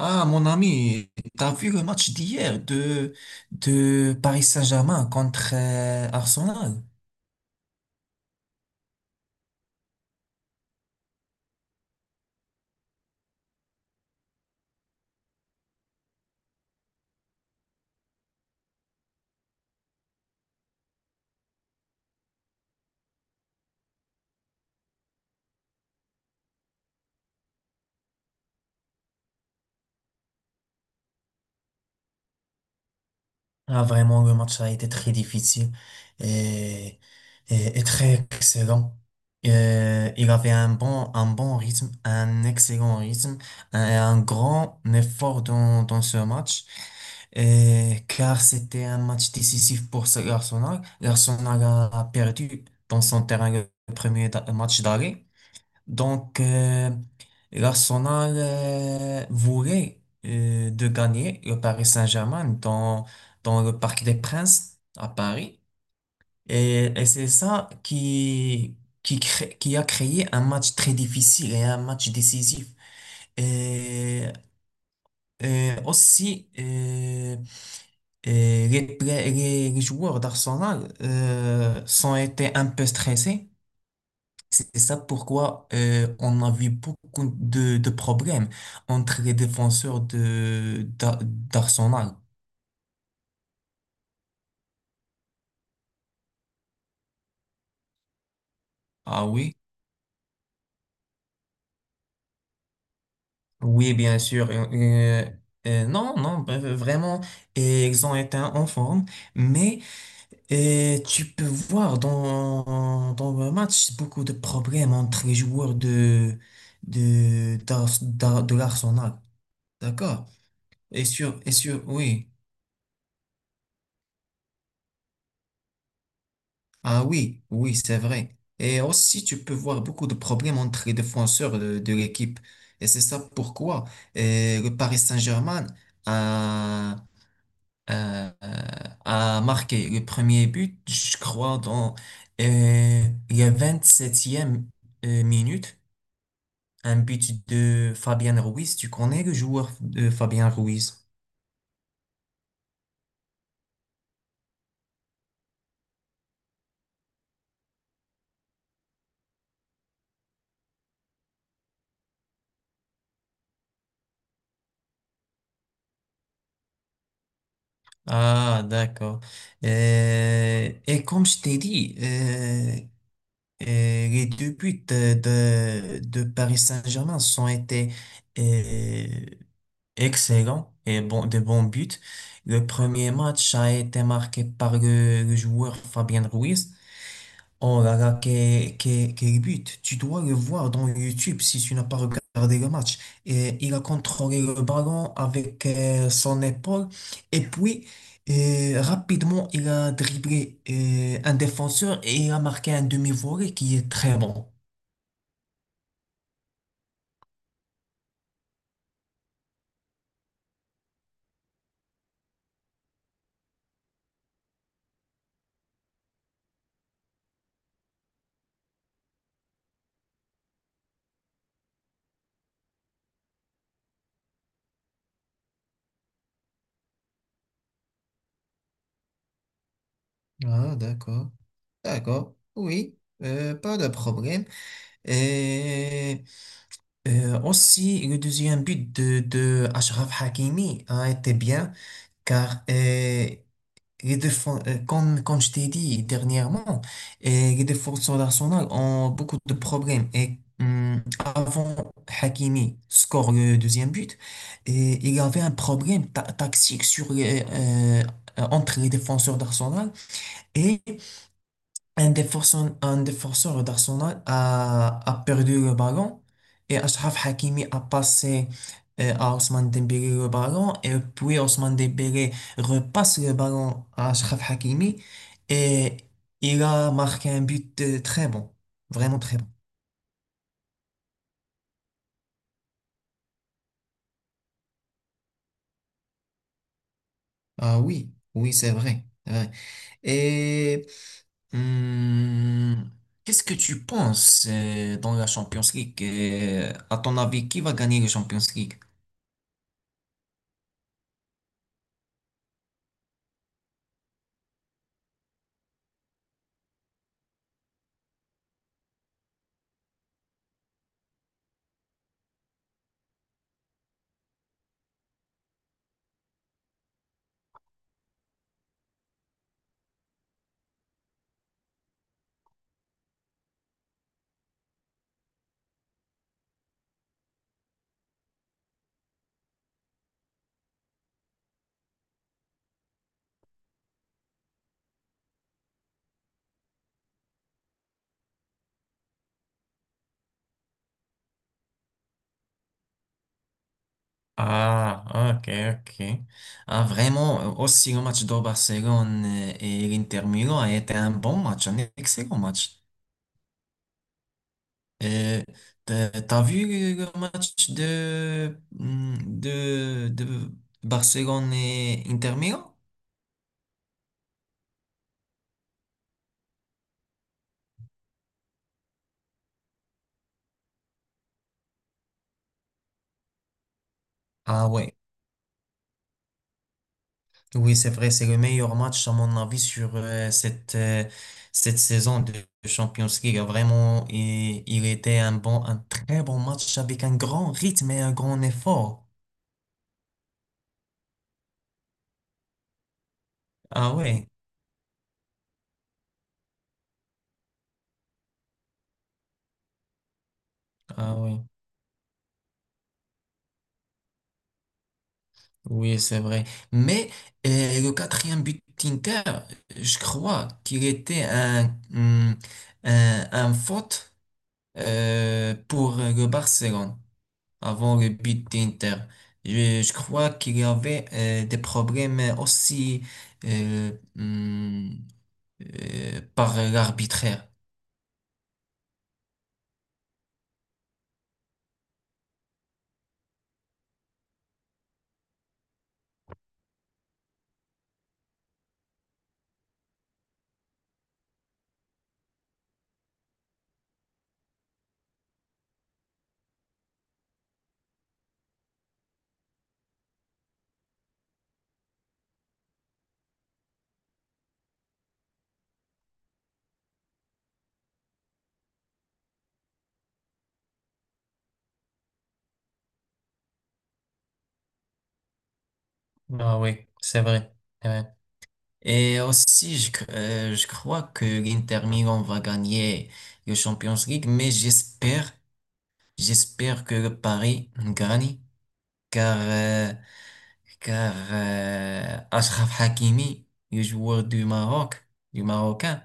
Ah, mon ami, t'as vu le match d'hier de Paris Saint-Germain contre Arsenal? Ah, vraiment, le match a été très difficile et, et très excellent. Il avait un bon rythme, un excellent rythme, un grand effort dans ce match. Et car c'était un match décisif pour l'Arsenal. L'Arsenal a perdu dans son terrain le premier match d'arrêt. Donc, l'Arsenal voulait de gagner le Paris Saint-Germain dans le Parc des Princes à Paris. Et c'est ça qui a créé un match très difficile et un match décisif. Et, et aussi, les joueurs d'Arsenal sont été un peu stressés. C'est ça pourquoi on a vu beaucoup de problèmes entre les défenseurs d'Arsenal. Ah oui? Oui, bien sûr. Non, non, vraiment, et ils ont été en forme, mais tu peux voir dans le match beaucoup de problèmes entre les joueurs de l'Arsenal. D'accord? Et sur, oui. Ah oui, oui, c'est vrai. Et aussi, tu peux voir beaucoup de problèmes entre les défenseurs de l'équipe. Et c'est ça pourquoi le Paris Saint-Germain a, a, a marqué le premier but, je crois, dans euh, la 27e minute. Un but de Fabien Ruiz. Tu connais le joueur de Fabien Ruiz? Ah, d'accord. Et comme je t'ai dit, Euh, les deux buts de Paris Saint-Germain sont été euh, excellents et bon, de bons buts. Le premier match a été marqué par le joueur Fabien Ruiz. Oh là là, quel but! Tu dois le voir dans YouTube si tu n'as pas regardé le match. Et il a contrôlé le ballon avec son épaule et puis rapidement il a dribblé un défenseur et il a marqué un demi-volée qui est très bon. Ah, d'accord. D'accord. Oui, pas de problème. Et aussi, le deuxième but de Achraf Hakimi a été bien car les défenses, comme je t'ai dit dernièrement, et les défenseurs d'Arsenal ont beaucoup de problèmes. Et avant Hakimi score le deuxième but, et il y avait un problème tactique sur les, entre les défenseurs d'Arsenal et un défenseur d'Arsenal a perdu le ballon et Achraf Hakimi a passé à Ousmane Dembélé le ballon et puis Ousmane Dembélé repasse le ballon à Achraf Hakimi et il a marqué un but très bon, vraiment très bon. Ah oui, oui, c'est vrai, c'est vrai. Et hum, qu'est-ce que tu penses dans la Champions League? À ton avis, qui va gagner la Champions League? Ah, ok, ok. Ah, vraiment, aussi le match de Barcelone et l'Inter Milan a été un bon match, un excellent match. Euh, t'as vu le match de Barcelone et Inter Milan? Ah ouais, oui, c'est vrai, c'est le meilleur match à mon avis sur cette saison de Champions League. Vraiment, il était un très bon match avec un grand rythme et un grand effort. Ah ouais. Ah oui, oui, c'est vrai. Mais le quatrième but d'Inter, je crois qu'il était un faute pour le Barcelone avant le but d'Inter. Je crois qu'il y avait des problèmes aussi euh, hum, par l'arbitraire. Ah oui, c'est vrai. Et aussi, je crois que l'Inter Milan va gagner le Champions League, mais j'espère que le Paris gagne, car, euh, car Achraf Hakimi, le joueur du Maroc, du Marocain,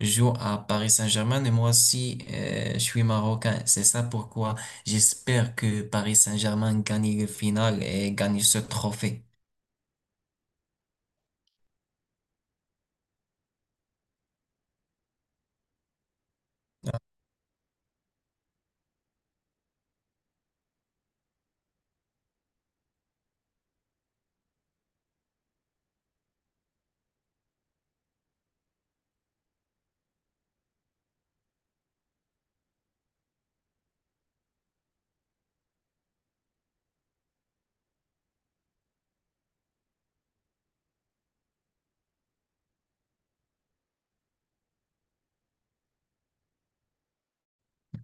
joue à Paris Saint-Germain et moi aussi, je suis Marocain. C'est ça pourquoi j'espère que Paris Saint-Germain gagne le final et gagne ce trophée.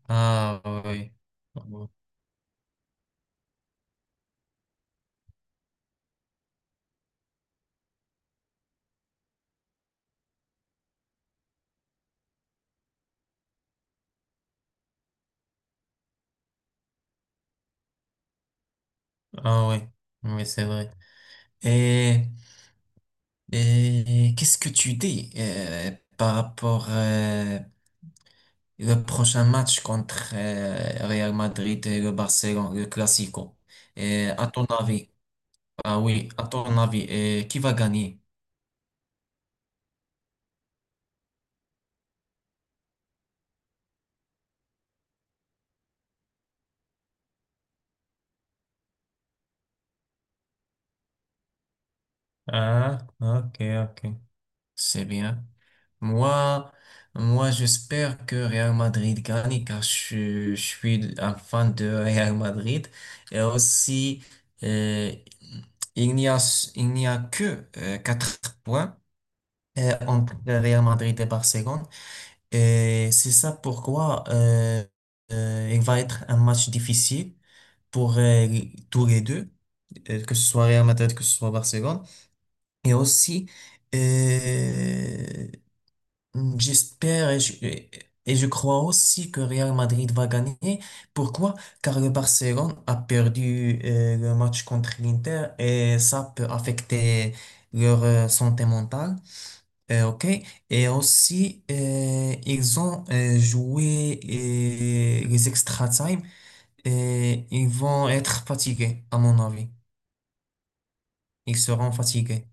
Ah oui, ah oui, ah oui, c'est vrai. Et, et qu'est-ce que tu dis par rapport le prochain match contre Real Madrid et le Barcelone, le Classico? Et à ton avis, qui va gagner? Ah, ok, ok. C'est bien. Moi, moi, j'espère que Real Madrid gagne car je suis un fan de Real Madrid. Et aussi, euh, il n'y a, il n'y a que 4 points entre Real Madrid et Barcelone. Et c'est ça pourquoi il va être un match difficile pour tous les deux, que ce soit Real Madrid, que ce soit Barcelone. Et aussi, euh, j'espère et je crois aussi que Real Madrid va gagner. Pourquoi? Car le Barcelone a perdu le match contre l'Inter et ça peut affecter leur santé mentale. Ok. Et aussi, ils ont joué les extra time et ils vont être fatigués, à mon avis. Ils seront fatigués.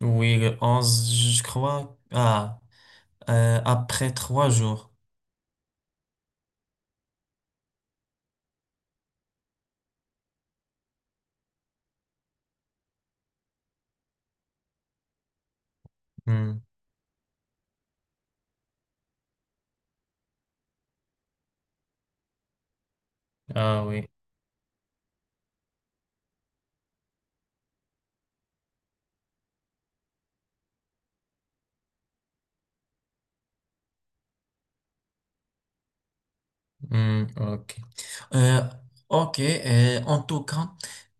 Oui, le 11, je crois. Après 3 jours. Hum. Ah oui, hmm, ok. Euh, ok, en tout cas,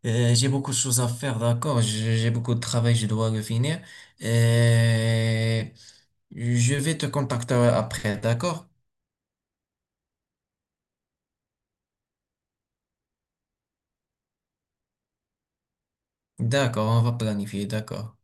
j'ai beaucoup de choses à faire, d'accord? J'ai beaucoup de travail, je dois le finir. Euh, je vais te contacter après, d'accord? D'accord, on va planifier, d'accord.